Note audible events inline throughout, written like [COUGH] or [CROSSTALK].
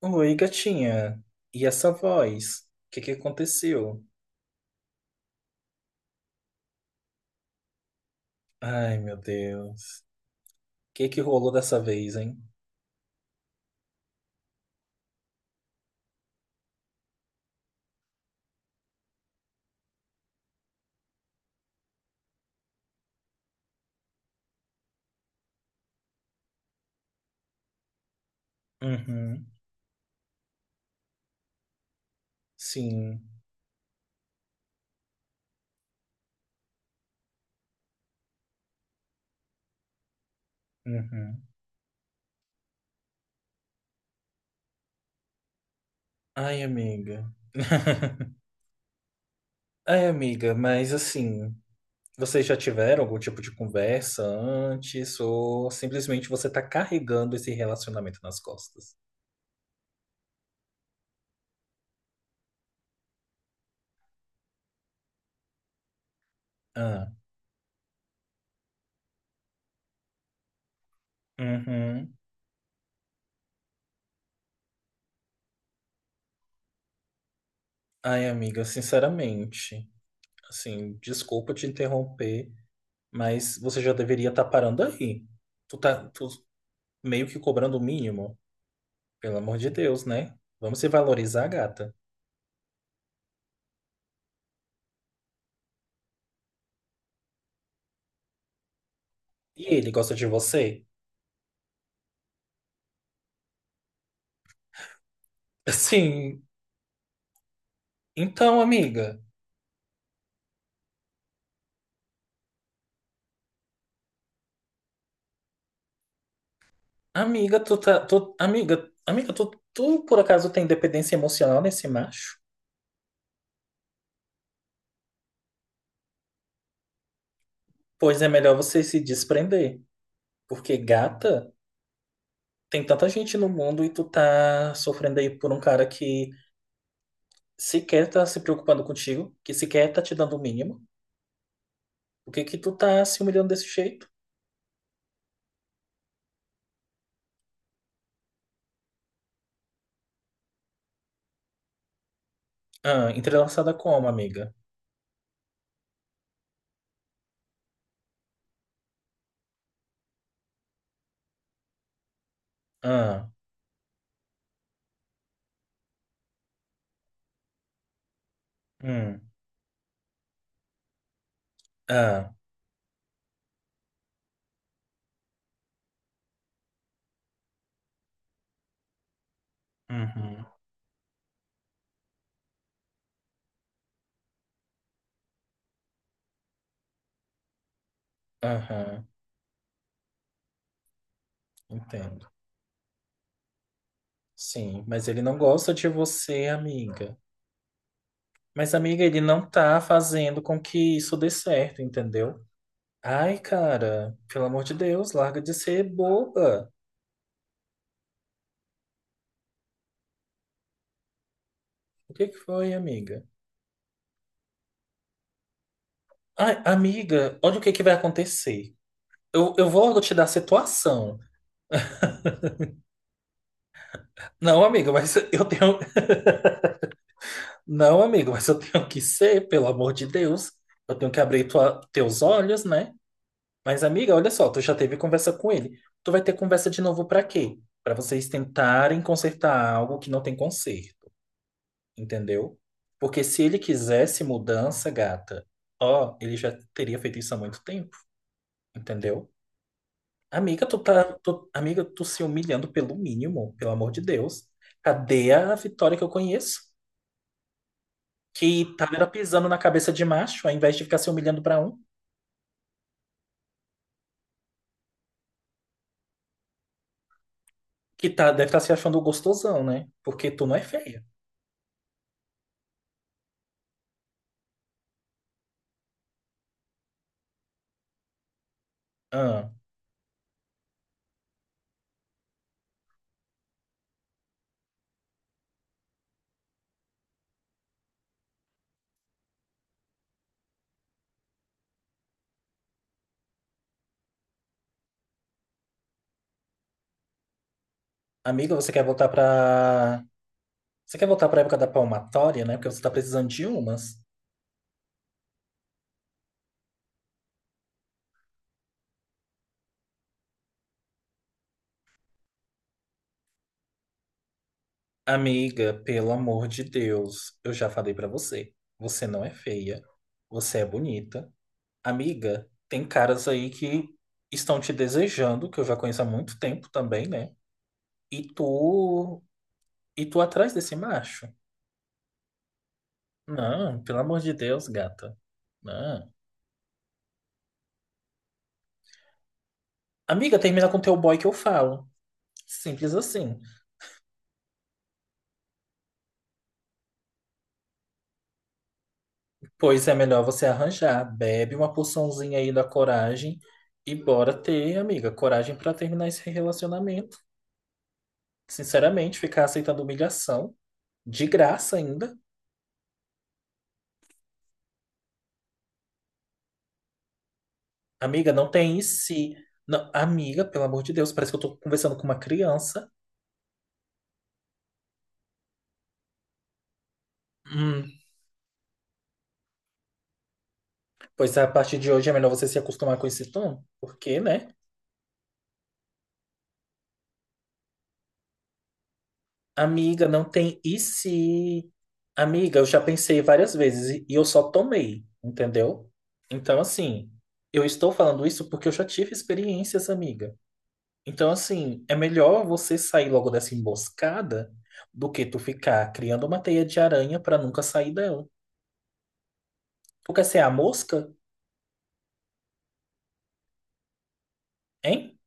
Oi, gatinha. E essa voz? O que que aconteceu? Ai, meu Deus. O que que rolou dessa vez, hein? Uhum. Sim. Uhum. Ai, amiga. [LAUGHS] Ai, amiga, mas assim, vocês já tiveram algum tipo de conversa antes ou simplesmente você tá carregando esse relacionamento nas costas? Ah. Uhum. Ai, amiga, sinceramente, assim, desculpa te interromper. Mas você já deveria estar parando aí. Tu tá tu meio que cobrando o mínimo. Pelo amor de Deus, né? Vamos se valorizar, gata. E ele gosta de você? [LAUGHS] Sim. Então, amiga. Amiga, tu tá. Tu, amiga, amiga, tu, tu por acaso tem dependência emocional nesse macho? Pois é melhor você se desprender. Porque, gata, tem tanta gente no mundo e tu tá sofrendo aí por um cara que sequer tá se preocupando contigo, que sequer tá te dando o mínimo. Por que que tu tá se humilhando desse jeito? Ah, entrelaçada como, amiga? Ah, hum, ah, uhum, aham, entendo. Sim, mas ele não gosta de você, amiga. Mas, amiga, ele não tá fazendo com que isso dê certo, entendeu? Ai, cara, pelo amor de Deus, larga de ser boba. O que que foi, amiga? Ai, amiga, olha o que que vai acontecer. Eu vou te dar a situação. Não, amiga, mas [LAUGHS] eu tenho, não, amigo, mas eu tenho que ser, pelo amor de Deus. Eu tenho que abrir teus olhos, né? Mas, amiga, olha só, tu já teve conversa com ele. Tu vai ter conversa de novo pra quê? Pra vocês tentarem consertar algo que não tem conserto, entendeu? Porque se ele quisesse mudança, gata, ó, ele já teria feito isso há muito tempo, entendeu? Amiga, amiga, tu se humilhando pelo mínimo, pelo amor de Deus. Cadê a Vitória que eu conheço? Que tá era pisando na cabeça de macho, ao invés de ficar se humilhando pra um, que tá, deve estar se achando gostosão, né? Porque tu não é feia. Ah, amiga, Você quer voltar pra época da palmatória, né? Porque você tá precisando de umas. Amiga, pelo amor de Deus, eu já falei pra você. Você não é feia. Você é bonita. Amiga, tem caras aí que estão te desejando, que eu já conheço há muito tempo também, né? E tu. E tu atrás desse macho. Não, pelo amor de Deus, gata. Não. Amiga, termina com teu boy que eu falo. Simples assim. Pois é melhor você arranjar. Bebe uma porçãozinha aí da coragem e bora ter, amiga, coragem pra terminar esse relacionamento. Sinceramente, ficar aceitando humilhação de graça ainda. Amiga, não tem se. Não, amiga, pelo amor de Deus, parece que eu tô conversando com uma criança. Hum. Pois a partir de hoje é melhor você se acostumar com esse tom, porque, né? Amiga, não tem e se? Amiga, eu já pensei várias vezes e eu só tomei, entendeu? Então, assim, eu estou falando isso porque eu já tive experiências, amiga. Então, assim, é melhor você sair logo dessa emboscada do que tu ficar criando uma teia de aranha pra nunca sair dela. Tu quer ser a mosca? Hein?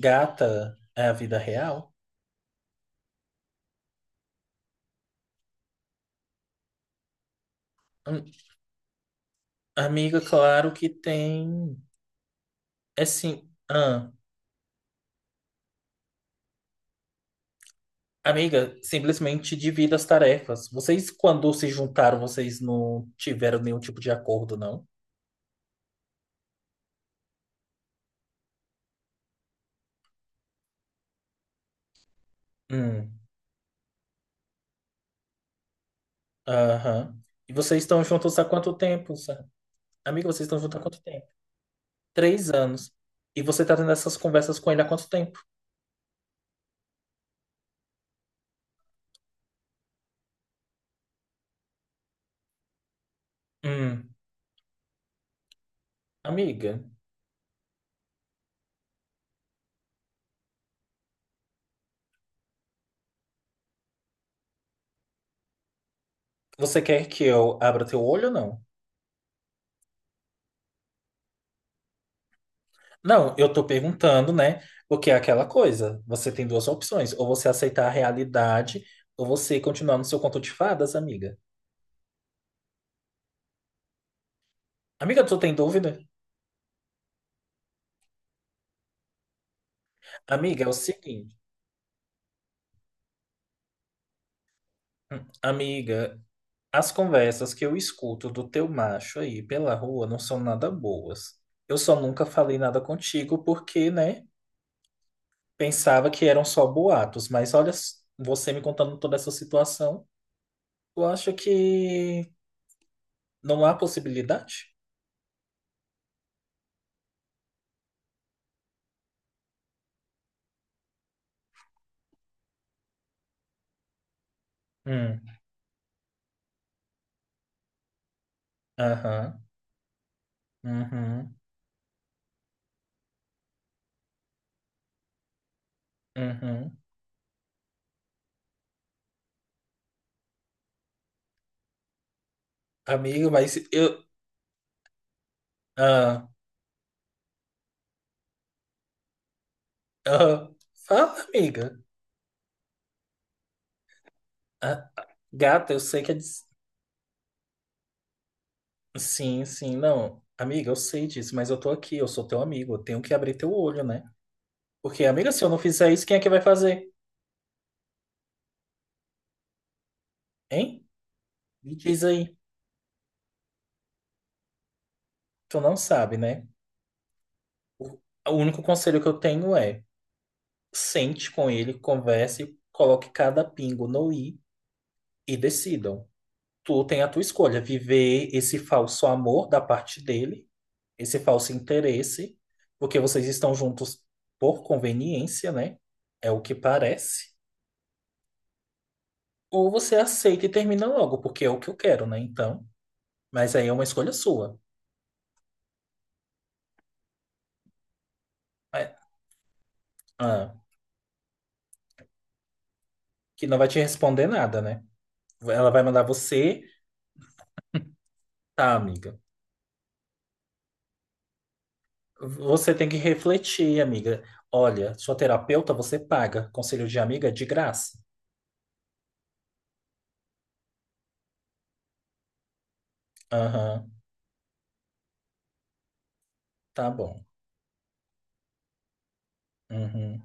Gata, é a vida real? Hum. Amiga, claro que tem. É sim. Amiga, simplesmente divida as tarefas. Vocês, quando se juntaram, vocês não tiveram nenhum tipo de acordo, não? Hum, aham. E vocês estão juntos há quanto tempo, Sam? Amiga, vocês estão juntos há quanto tempo? Três anos. E você tá tendo essas conversas com ele há quanto tempo? Hum, amiga, você quer que eu abra teu olho ou não? Não, eu tô perguntando, né? Porque é aquela coisa. Você tem duas opções. Ou você aceitar a realidade, ou você continuar no seu conto de fadas, amiga. Amiga, tu tem dúvida? Amiga, é o seguinte, amiga, as conversas que eu escuto do teu macho aí pela rua não são nada boas. Eu só nunca falei nada contigo porque, né, pensava que eram só boatos, mas olha, você me contando toda essa situação, eu acho que não há possibilidade? Hum, aham, uhum, uhum. Amiga, mas eu... Ah, ah, fala, amiga. Ah, gata, eu sei que é. Sim, sim, não. Amiga, eu sei disso, mas eu tô aqui, eu sou teu amigo, eu tenho que abrir teu olho, né? Porque, amiga, se eu não fizer isso, quem é que vai fazer? Hein? Me diz aí. Tu não sabe, né? O, o único conselho que eu tenho é sente com ele, converse, coloque cada pingo no i e decidam. Tu tem a tua escolha, viver esse falso amor da parte dele, esse falso interesse, porque vocês estão juntos por conveniência, né? É o que parece. Ou você aceita e termina logo, porque é o que eu quero, né? Então, mas aí é uma escolha sua. É, ah, que não vai te responder nada, né? Ela vai mandar você, tá, amiga. Você tem que refletir, amiga. Olha, sua terapeuta você paga. Conselho de amiga é de graça. Aham, tá bom. Uhum.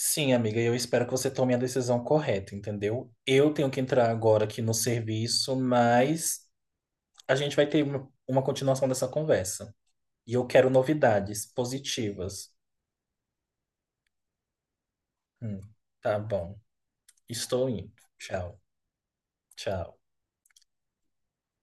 Sim, amiga, eu espero que você tome a decisão correta, entendeu? Eu tenho que entrar agora aqui no serviço, mas a gente vai ter uma continuação dessa conversa. E eu quero novidades positivas. Hum, tá bom. Estou indo. Tchau, tchau.